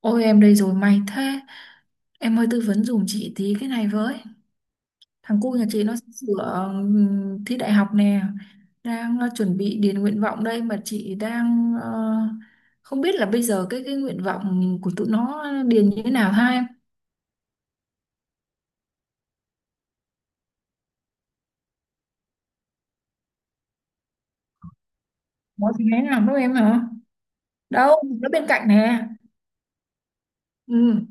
Ôi, em đây rồi, may thế. Em ơi, tư vấn giùm chị tí cái này với. Thằng cu nhà chị nó sửa thi đại học nè. Đang chuẩn bị điền nguyện vọng đây. Mà chị đang không biết là bây giờ cái nguyện vọng của tụi nó điền như thế nào ha em? Nó thì thế nào đâu em hả? Đâu, nó bên cạnh nè. Ừ,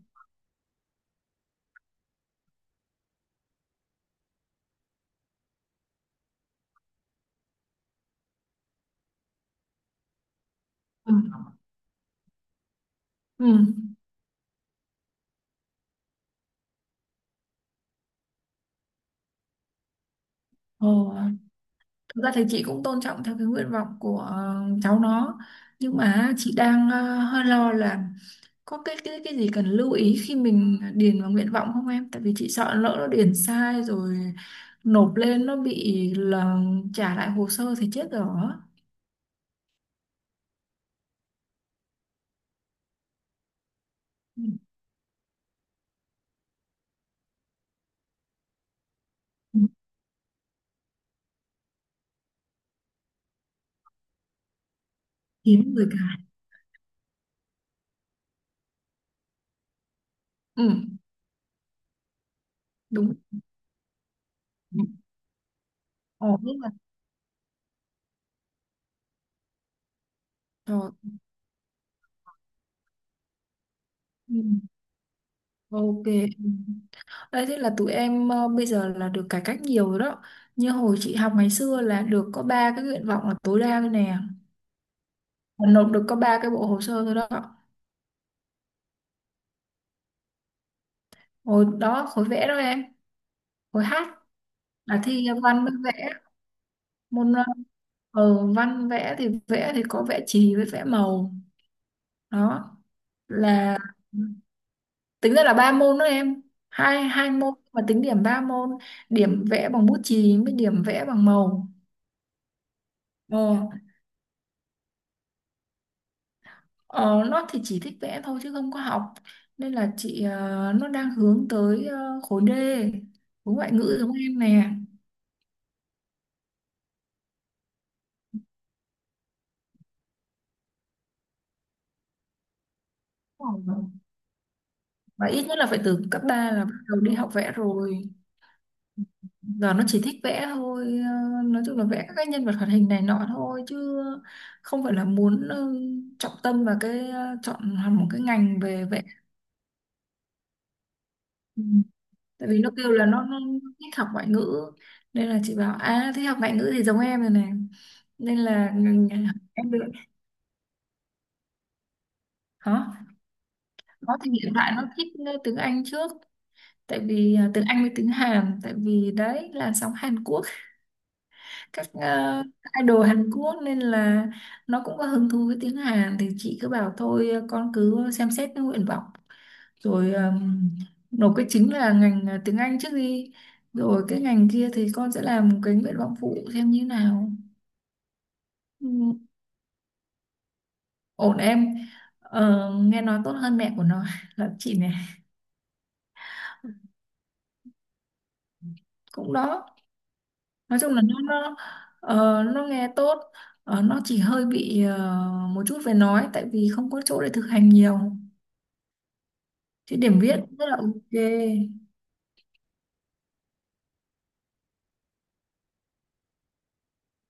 ừ, ừ. Ồ. Thực ra thì chị cũng tôn trọng theo cái nguyện vọng của cháu nó. Nhưng mà chị đang hơi lo là có cái gì cần lưu ý khi mình điền vào nguyện vọng không em? Tại vì chị sợ lỡ nó điền sai rồi nộp lên nó bị là trả lại hồ sơ thì chết rồi á. Ừ. Ừ. Kiếm người cài. Ừ, đúng. Ừ. Ồ, biết là rồi. Ừ, ok. Đấy, thế là tụi em bây giờ là được cải cách nhiều rồi đó. Như hồi chị học ngày xưa là được có ba cái nguyện vọng là tối đa thôi nè. Và nộp được có ba cái bộ hồ sơ thôi đó. Hồi đó khối vẽ đó em. Khối hát là thi văn với vẽ. Môn văn vẽ, thì vẽ thì có vẽ chì với vẽ màu đó. Là tính ra là ba môn đó em, hai hai môn mà tính điểm ba môn, điểm vẽ bằng bút chì với điểm vẽ bằng màu. ờ, ờ, nó thì chỉ thích vẽ thôi chứ không có học, nên là chị nó đang hướng tới khối D, khối ngoại ngữ giống em nè. Ờ, và ít nhất là phải từ cấp 3 là bắt đầu đi học vẽ rồi. Giờ nó chỉ thích vẽ thôi, nói chung là vẽ các cái nhân vật hoạt hình này nọ thôi chứ không phải là muốn trọng tâm vào cái chọn hẳn một cái ngành về vẽ. Ừ. Tại vì nó kêu là nó thích học ngoại ngữ, nên là chị bảo à, thích học ngoại ngữ thì giống em rồi này, nên là em được. Hả? Nó thì hiện tại nó thích tiếng Anh trước, tại vì à, tiếng Anh với tiếng Hàn, tại vì đấy làn sóng Hàn Quốc, các idol Hàn Quốc, nên là nó cũng có hứng thú với tiếng Hàn. Thì chị cứ bảo thôi con cứ xem xét cái nguyện vọng rồi nộp cái chính là ngành tiếng Anh trước đi, rồi cái ngành kia thì con sẽ làm cái nguyện vọng phụ xem như nào. Ừ, ổn em. Ờ, nghe nói tốt hơn mẹ của nó là chị này. Cũng đó. Nói chung là nó nghe tốt. Ờ, nó chỉ hơi bị một chút về nói tại vì không có chỗ để thực hành nhiều. Chữ điểm viết rất là ok.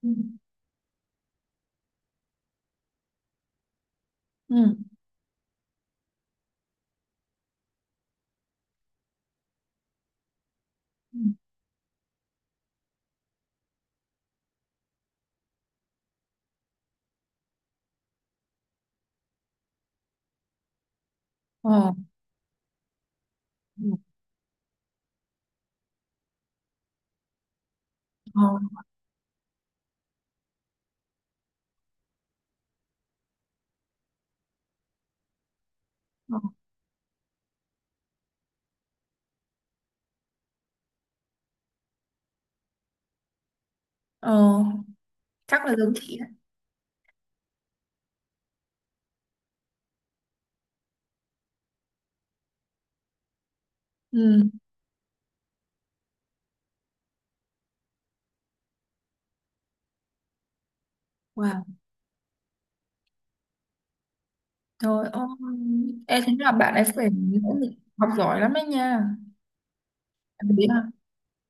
Ừ, ừ, ừ. Ờ. Ừ. Ờ, ờ, ờ. Chắc là giống chị ạ. Ừ. Wow. Trời ơi. Em thấy là bạn ấy phải nỗ lực học giỏi lắm đấy nha. Em nghĩ là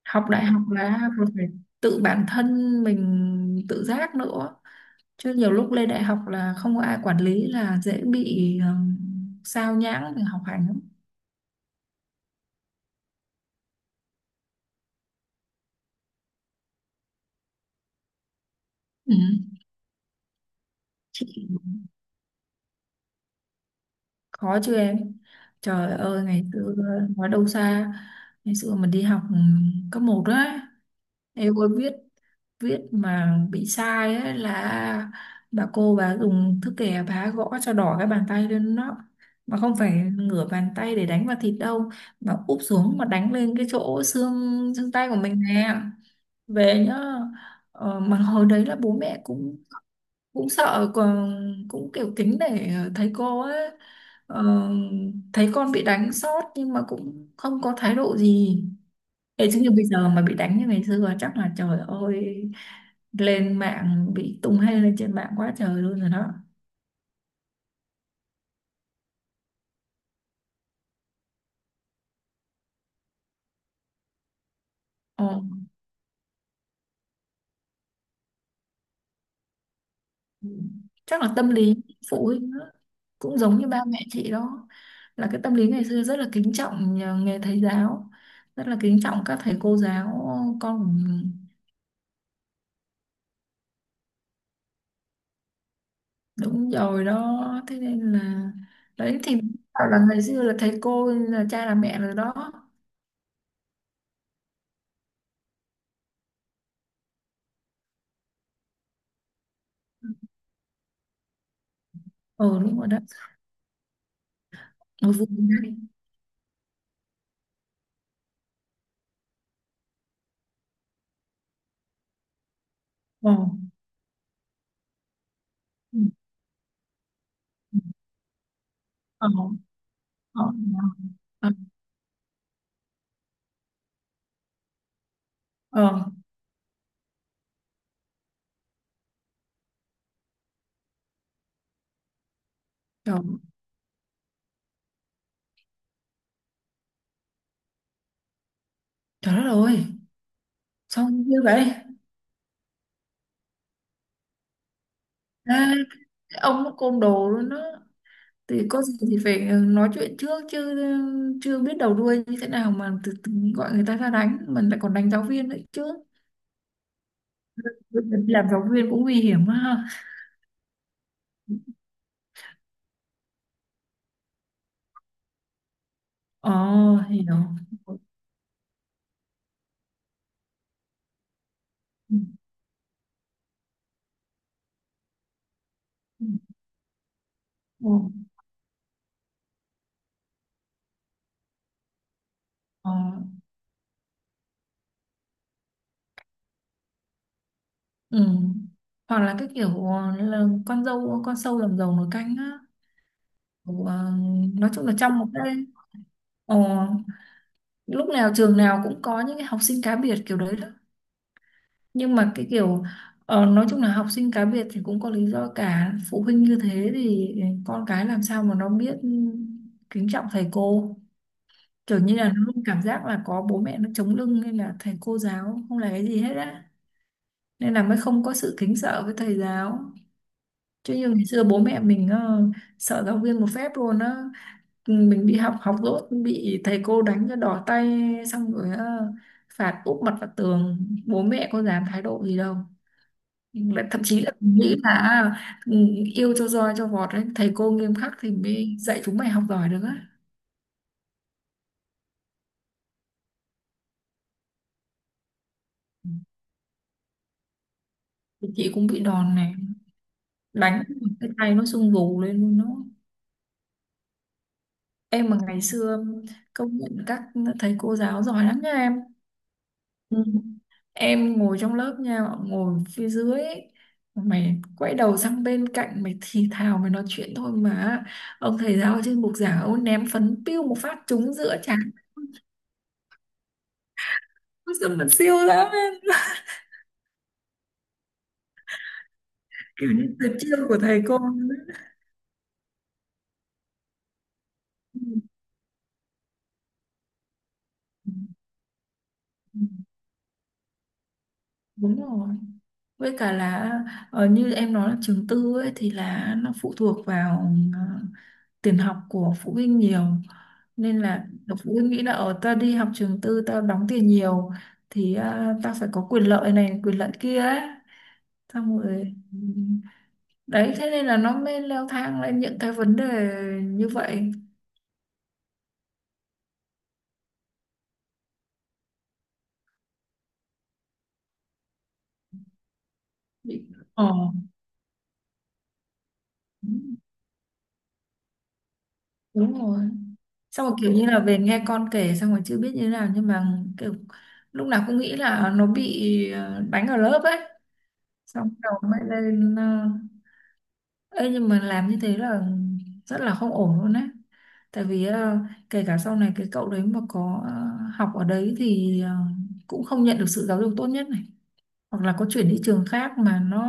học đại học là còn phải tự bản thân mình tự giác nữa, chứ nhiều lúc lên đại học là không có ai quản lý là dễ bị sao nhãng về học hành lắm. Ừ. Chị. Khó chứ em. Trời ơi, ngày xưa, nói đâu xa, ngày xưa mình đi học cấp một á, em ơi, viết viết mà bị sai á là bà cô bà dùng thước kẻ, bà gõ cho đỏ cái bàn tay lên đó. Mà không phải ngửa bàn tay để đánh vào thịt đâu, mà úp xuống mà đánh lên cái chỗ xương xương tay của mình nè. Về nhá. Mà hồi đấy là bố mẹ cũng cũng sợ còn, cũng kiểu kính để thấy cô ấy, ờ, thấy con bị đánh sót nhưng mà cũng không có thái độ gì. Thế chứ như bây giờ mà bị đánh như ngày xưa chắc là trời ơi, lên mạng bị tung hê lên trên mạng quá trời luôn rồi đó. ờ, Chắc là tâm lý phụ huynh đó. Cũng giống như ba mẹ chị đó, là cái tâm lý ngày xưa rất là kính trọng nghề thầy giáo, rất là kính trọng các thầy cô giáo con. Đúng rồi đó. Thế nên là đấy thì bảo là ngày xưa là thầy cô là cha là mẹ rồi đó. Ừ, đúng rồi đó. Ở vùng này. Ờ. Ừ. Ừ. Ờ, ờ, ờ. Ờ. Trời. Trời đất ơi! Sao như vậy? À, cái ông nó côn đồ luôn đó. Thì có gì thì phải nói chuyện trước chứ, chưa biết đầu đuôi như thế nào mà từ, từ gọi người ta ra đánh, mình lại còn đánh giáo viên nữa chứ. Làm giáo viên cũng nguy hiểm ha. Ờ. Hiểu. Ừ, ừ. Ừ. Ờ. Ừ. Hoặc là cái kiểu là con dâu con sâu làm dầu nồi canh á. Kiểu, nói chung là trong một cái ờ, lúc nào trường nào cũng có những cái học sinh cá biệt kiểu đấy đó. Nhưng mà cái kiểu nói chung là học sinh cá biệt thì cũng có lý do, cả phụ huynh như thế thì con cái làm sao mà nó biết kính trọng thầy cô. Kiểu như là nó luôn cảm giác là có bố mẹ nó chống lưng nên là thầy cô giáo không là cái gì hết á, nên là mới không có sự kính sợ với thầy giáo. Chứ như ngày xưa bố mẹ mình sợ giáo viên một phép luôn á. Ừ, mình đi học học dốt bị thầy cô đánh cho đỏ tay, xong rồi phạt úp mặt vào tường, bố mẹ có dám thái độ gì đâu. Lại thậm chí là nghĩ là à, ừ, yêu cho roi cho vọt đấy, thầy cô nghiêm khắc thì mới dạy chúng mày học giỏi được á. Ừ, thì chị cũng bị đòn này, đánh cái tay nó sưng vù lên luôn nó. Em mà ngày xưa công nhận các thầy cô giáo giỏi lắm nha em. Ừ. Em ngồi trong lớp nha, ngồi phía dưới ấy, mày quay đầu sang bên cạnh mày thì thào mày nói chuyện thôi mà ông thầy giáo ở trên bục giảng ông ném phấn piu một phát trúng giữa trán. Ôi giời, mà siêu lắm em, kiểu như tuyệt chiêu của thầy cô ấy. Ừ, đúng rồi. Với cả là như em nói là trường tư ấy thì là nó phụ thuộc vào tiền học của phụ huynh nhiều, nên là độc phụ huynh nghĩ là ở, tao đi học trường tư tao đóng tiền nhiều thì à, tao phải có quyền lợi này quyền lợi kia ấy. Xong rồi đấy thế nên là nó mới leo thang lên những cái vấn đề như vậy. Bị- ờ Đúng rồi. Xong rồi kiểu như là về nghe con kể xong rồi chưa biết như thế nào nhưng mà kiểu lúc nào cũng nghĩ là à, nó bị đánh ở lớp ấy, xong đầu mới lên Ê, nhưng mà làm như thế là rất là không ổn luôn á. Tại vì kể cả sau này cái cậu đấy mà có học ở đấy thì cũng không nhận được sự giáo dục tốt nhất này, hoặc là có chuyển đi trường khác mà nó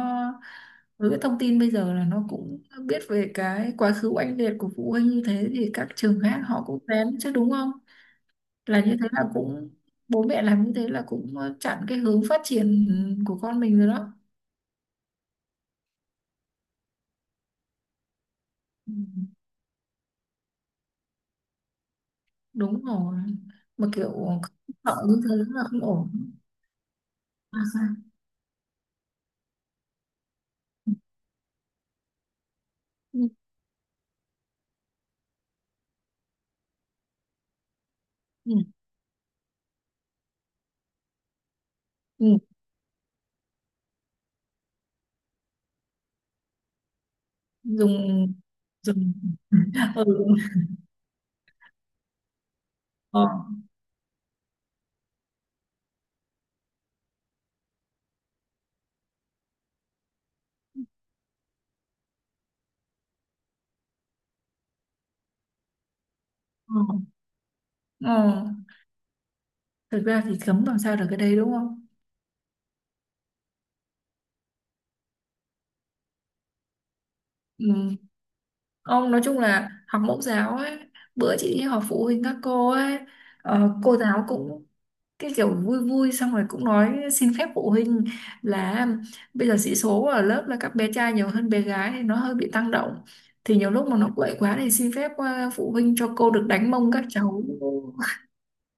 với cái thông tin bây giờ là nó cũng biết về cái quá khứ oanh liệt của phụ huynh như thế thì các trường khác họ cũng kén chứ, đúng không? Là như thế là cũng, bố mẹ làm như thế là cũng chặn cái hướng phát triển của con mình rồi đó. Ừ, đúng rồi. Mà kiểu sợ như thế là không ổn. À, sao? Ừ. Ừ. Ừ. dùng dùng Ừ, đúng. Ờ, ừ, ừ, ừ. Thực ra thì cấm làm sao được cái đấy đúng không? Ừ. Ông nói chung là học mẫu giáo ấy, bữa chị đi họp phụ huynh các cô ấy, cô giáo cũng cái kiểu vui vui xong rồi cũng nói xin phép phụ huynh là bây giờ sĩ số ở lớp là các bé trai nhiều hơn bé gái thì nó hơi bị tăng động, thì nhiều lúc mà nó quậy quá thì xin phép phụ huynh cho cô được đánh mông các cháu.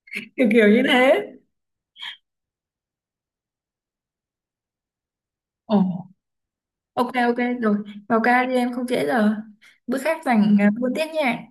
kiểu kiểu như thế. Ồ. Ok, ok rồi, vào ca đi em không trễ giờ. Bữa khác rảnh à, buôn tiếp nha.